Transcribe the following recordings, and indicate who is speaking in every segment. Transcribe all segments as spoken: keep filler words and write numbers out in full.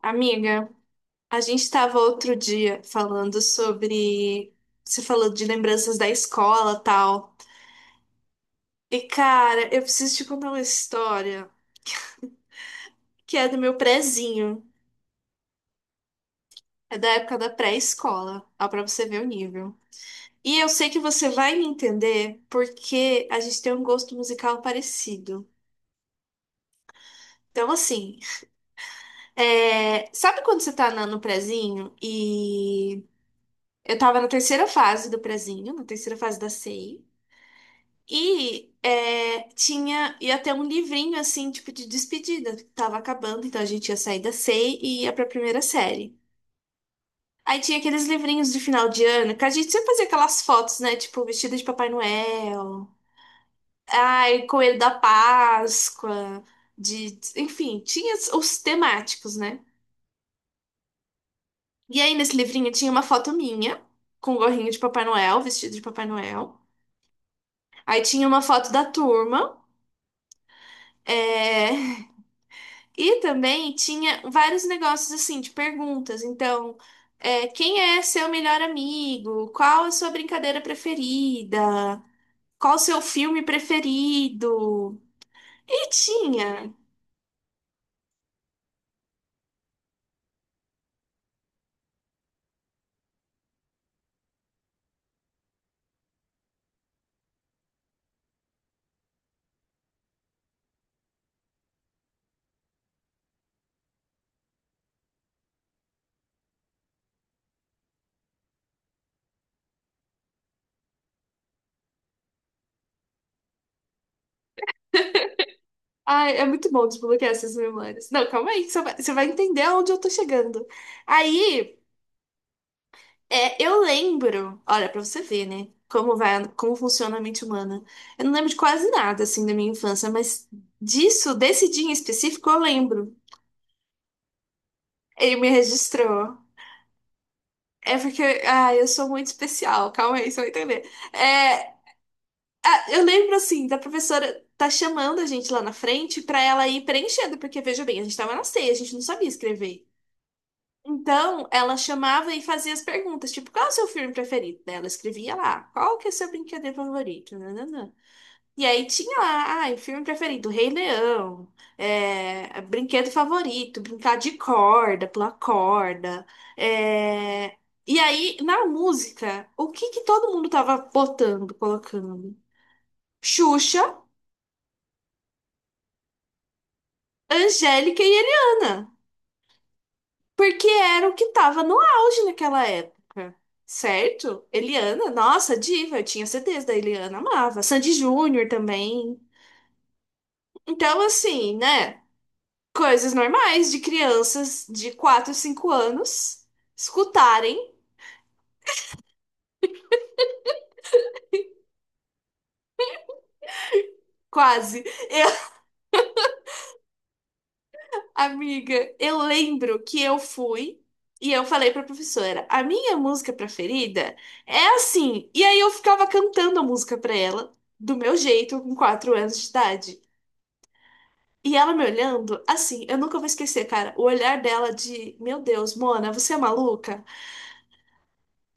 Speaker 1: Amiga, a gente estava outro dia falando sobre. Você falou de lembranças da escola, tal. E, cara, eu preciso te contar uma história que é do meu prezinho. É da época da pré-escola, ó, pra você ver o nível. E eu sei que você vai me entender porque a gente tem um gosto musical parecido. Então, assim, é, sabe quando você tá na- no prezinho e eu tava na terceira fase do prezinho, na terceira fase da C I. E é, tinha, ia ter um livrinho assim, tipo de despedida, que tava acabando, então a gente ia sair da C E I e ia pra primeira série. Aí tinha aqueles livrinhos de final de ano, que a gente sempre fazia aquelas fotos, né? Tipo, vestida de Papai Noel, ai, Coelho da Páscoa, de, enfim, tinha os os temáticos, né? E aí nesse livrinho tinha uma foto minha, com o gorrinho de Papai Noel, vestido de Papai Noel. Aí tinha uma foto da turma. É... E também tinha vários negócios assim de perguntas. Então, é, quem é seu melhor amigo? Qual a sua brincadeira preferida? Qual o seu filme preferido? E tinha. Ai, é muito bom desbloquear essas memórias. Não, calma aí, que você vai, você vai entender aonde eu tô chegando. Aí, é, eu lembro. Olha, pra você ver, né? Como vai, como funciona a mente humana. Eu não lembro de quase nada assim da minha infância, mas disso, desse dia em específico, eu lembro. Ele me registrou. É porque, ah, eu sou muito especial. Calma aí, você vai entender. É, ah, eu lembro assim, da professora tá chamando a gente lá na frente pra ela ir preenchendo, porque veja bem, a gente tava na ceia, a gente não sabia escrever. Então, ela chamava e fazia as perguntas, tipo, qual é o seu filme preferido? Daí Ela escrevia lá, qual que é o seu brinquedo favorito? Nananã. E aí tinha lá, ai, filme preferido, Rei Leão, é, brinquedo favorito, brincar de corda, pular corda. é, E aí, na música, o que que todo mundo tava botando, colocando? Xuxa, Angélica e Eliana, porque era o que tava no auge naquela época, certo? Eliana, nossa, diva, eu tinha C Ds da Eliana, amava. Sandy Júnior também. Então, assim, né? Coisas normais de crianças de quatro, cinco anos escutarem, quase. Eu, amiga, eu lembro que eu fui e eu falei pra professora, a minha música preferida é assim. E aí eu ficava cantando a música pra ela, do meu jeito, com quatro anos de idade. E ela me olhando, assim, eu nunca vou esquecer, cara, o olhar dela de, meu Deus, Mona, você é maluca?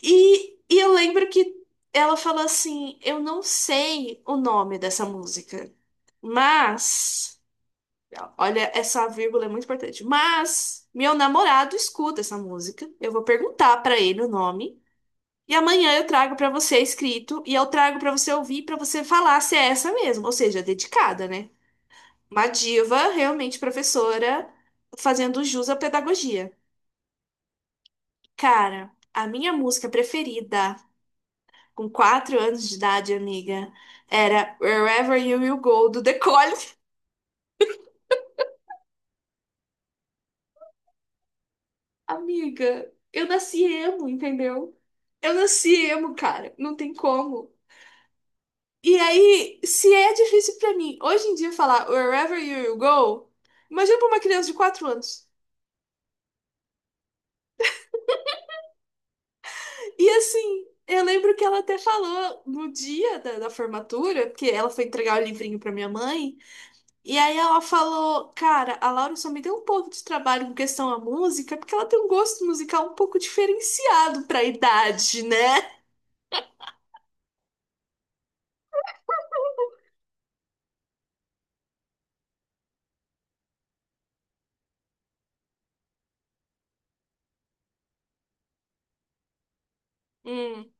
Speaker 1: E, e eu lembro que ela falou assim: Eu não sei o nome dessa música, mas. Olha, essa vírgula é muito importante. Mas meu namorado escuta essa música. Eu vou perguntar pra ele o nome. E amanhã eu trago pra você escrito e eu trago pra você ouvir pra você falar se é essa mesmo, ou seja, dedicada, né? Uma diva, realmente professora, fazendo jus à pedagogia. Cara, a minha música preferida com quatro anos de idade, amiga. Era Wherever You Will Go, do The Collins. Amiga, eu nasci emo, entendeu? Eu nasci emo, cara. Não tem como. E aí, se é difícil pra mim hoje em dia falar Wherever You Will Go, imagina pra uma criança de quatro anos. E assim, eu lembro que ela até falou no dia da, da formatura, porque ela foi entregar o livrinho pra minha mãe. E aí ela falou, cara, a Laura só me deu um pouco de trabalho com questão à música, porque ela tem um gosto musical um pouco diferenciado pra idade, né? Hum,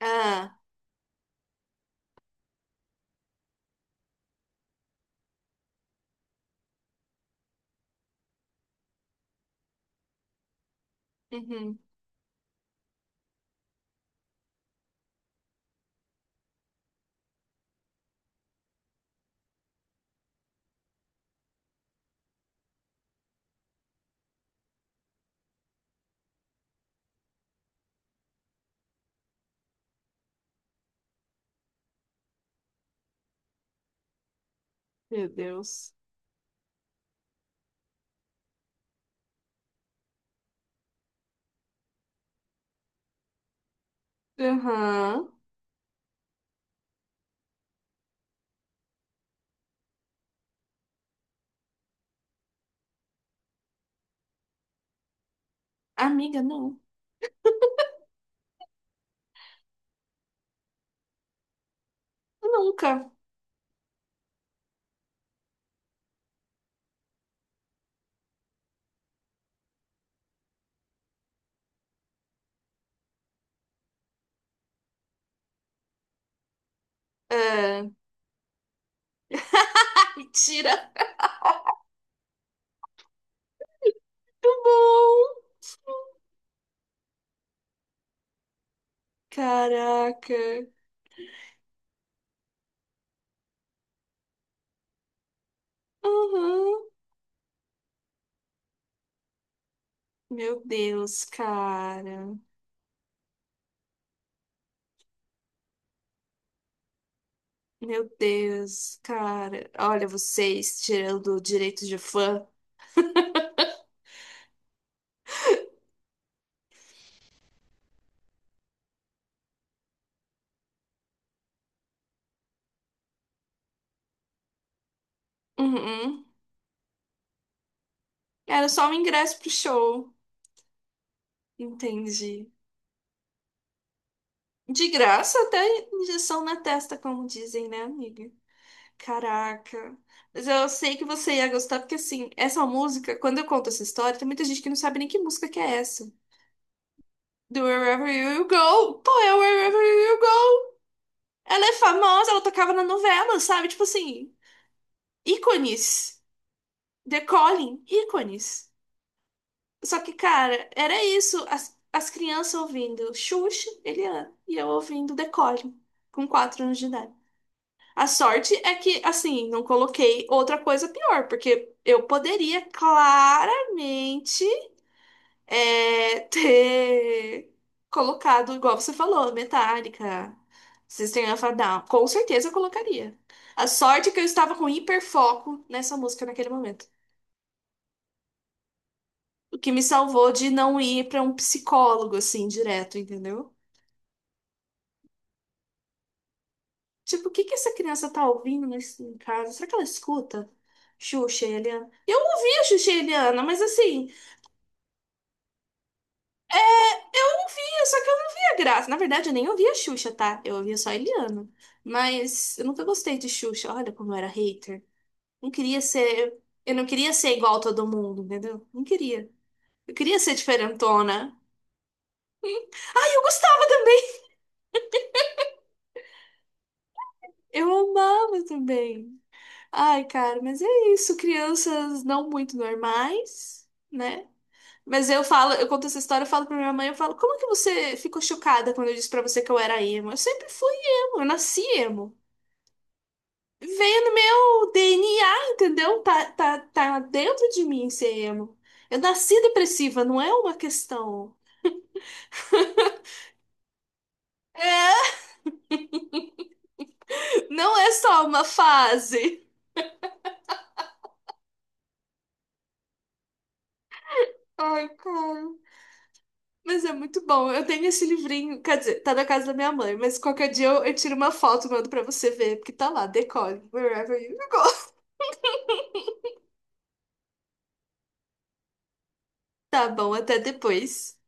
Speaker 1: ah, uhum. Meu Deus. Aham. Amiga, não. Nunca. É. Mentira. Muito bom. Caraca. Aham. Meu Deus, cara. Meu Deus, cara. Olha vocês tirando direito de fã. Uhum. Era só o ingresso pro show. Entendi. De graça, até injeção na testa, como dizem, né, amiga? Caraca. Mas eu sei que você ia gostar, porque assim, essa música, quando eu conto essa história, tem muita gente que não sabe nem que música que é essa. Do Wherever You Go. Pô, é Wherever You Go. Ela é famosa, ela tocava na novela, sabe? Tipo assim, ícones. Decolhem, ícones. Só que, cara, era isso. As, as crianças ouvindo Xuxa, Eliana, e eu ouvindo Decore, com quatro anos de idade. A sorte é que, assim, não coloquei outra coisa pior, porque eu poderia claramente é, ter colocado, igual você falou, Metallica, System of a Down. Com certeza eu colocaria. A sorte é que eu estava com hiperfoco nessa música naquele momento. O que me salvou de não ir pra um psicólogo, assim, direto, entendeu? Tipo, o que que essa criança tá ouvindo nesse, em casa? Será que ela escuta Xuxa e Eliana? Eu ouvia Xuxa e Eliana, mas assim, eu ouvia, só que eu não via graça. Na verdade, eu nem ouvia Xuxa, tá? Eu ouvia só a Eliana. Mas eu nunca gostei de Xuxa. Olha como eu era hater. Não queria ser. Eu não queria ser igual a todo mundo, entendeu? Não queria. Eu queria ser diferentona. Ai, eu gostava também. Eu amava também. Ai, cara, mas é isso. Crianças não muito normais, né? Mas eu falo, eu conto essa história, eu falo pra minha mãe, eu falo, como é que você ficou chocada quando eu disse pra você que eu era emo? Eu sempre fui emo, eu nasci emo. Veio no meu D N A, entendeu? Tá, tá, tá dentro de mim ser emo. Eu nasci depressiva, não é uma questão. Não é só uma fase. Ai, cara. Mas é muito bom. Eu tenho esse livrinho, quer dizer, tá na casa da minha mãe, mas qualquer dia eu, eu, tiro uma foto e mando pra você ver, porque tá lá, decore, wherever you go. Tá bom, até depois.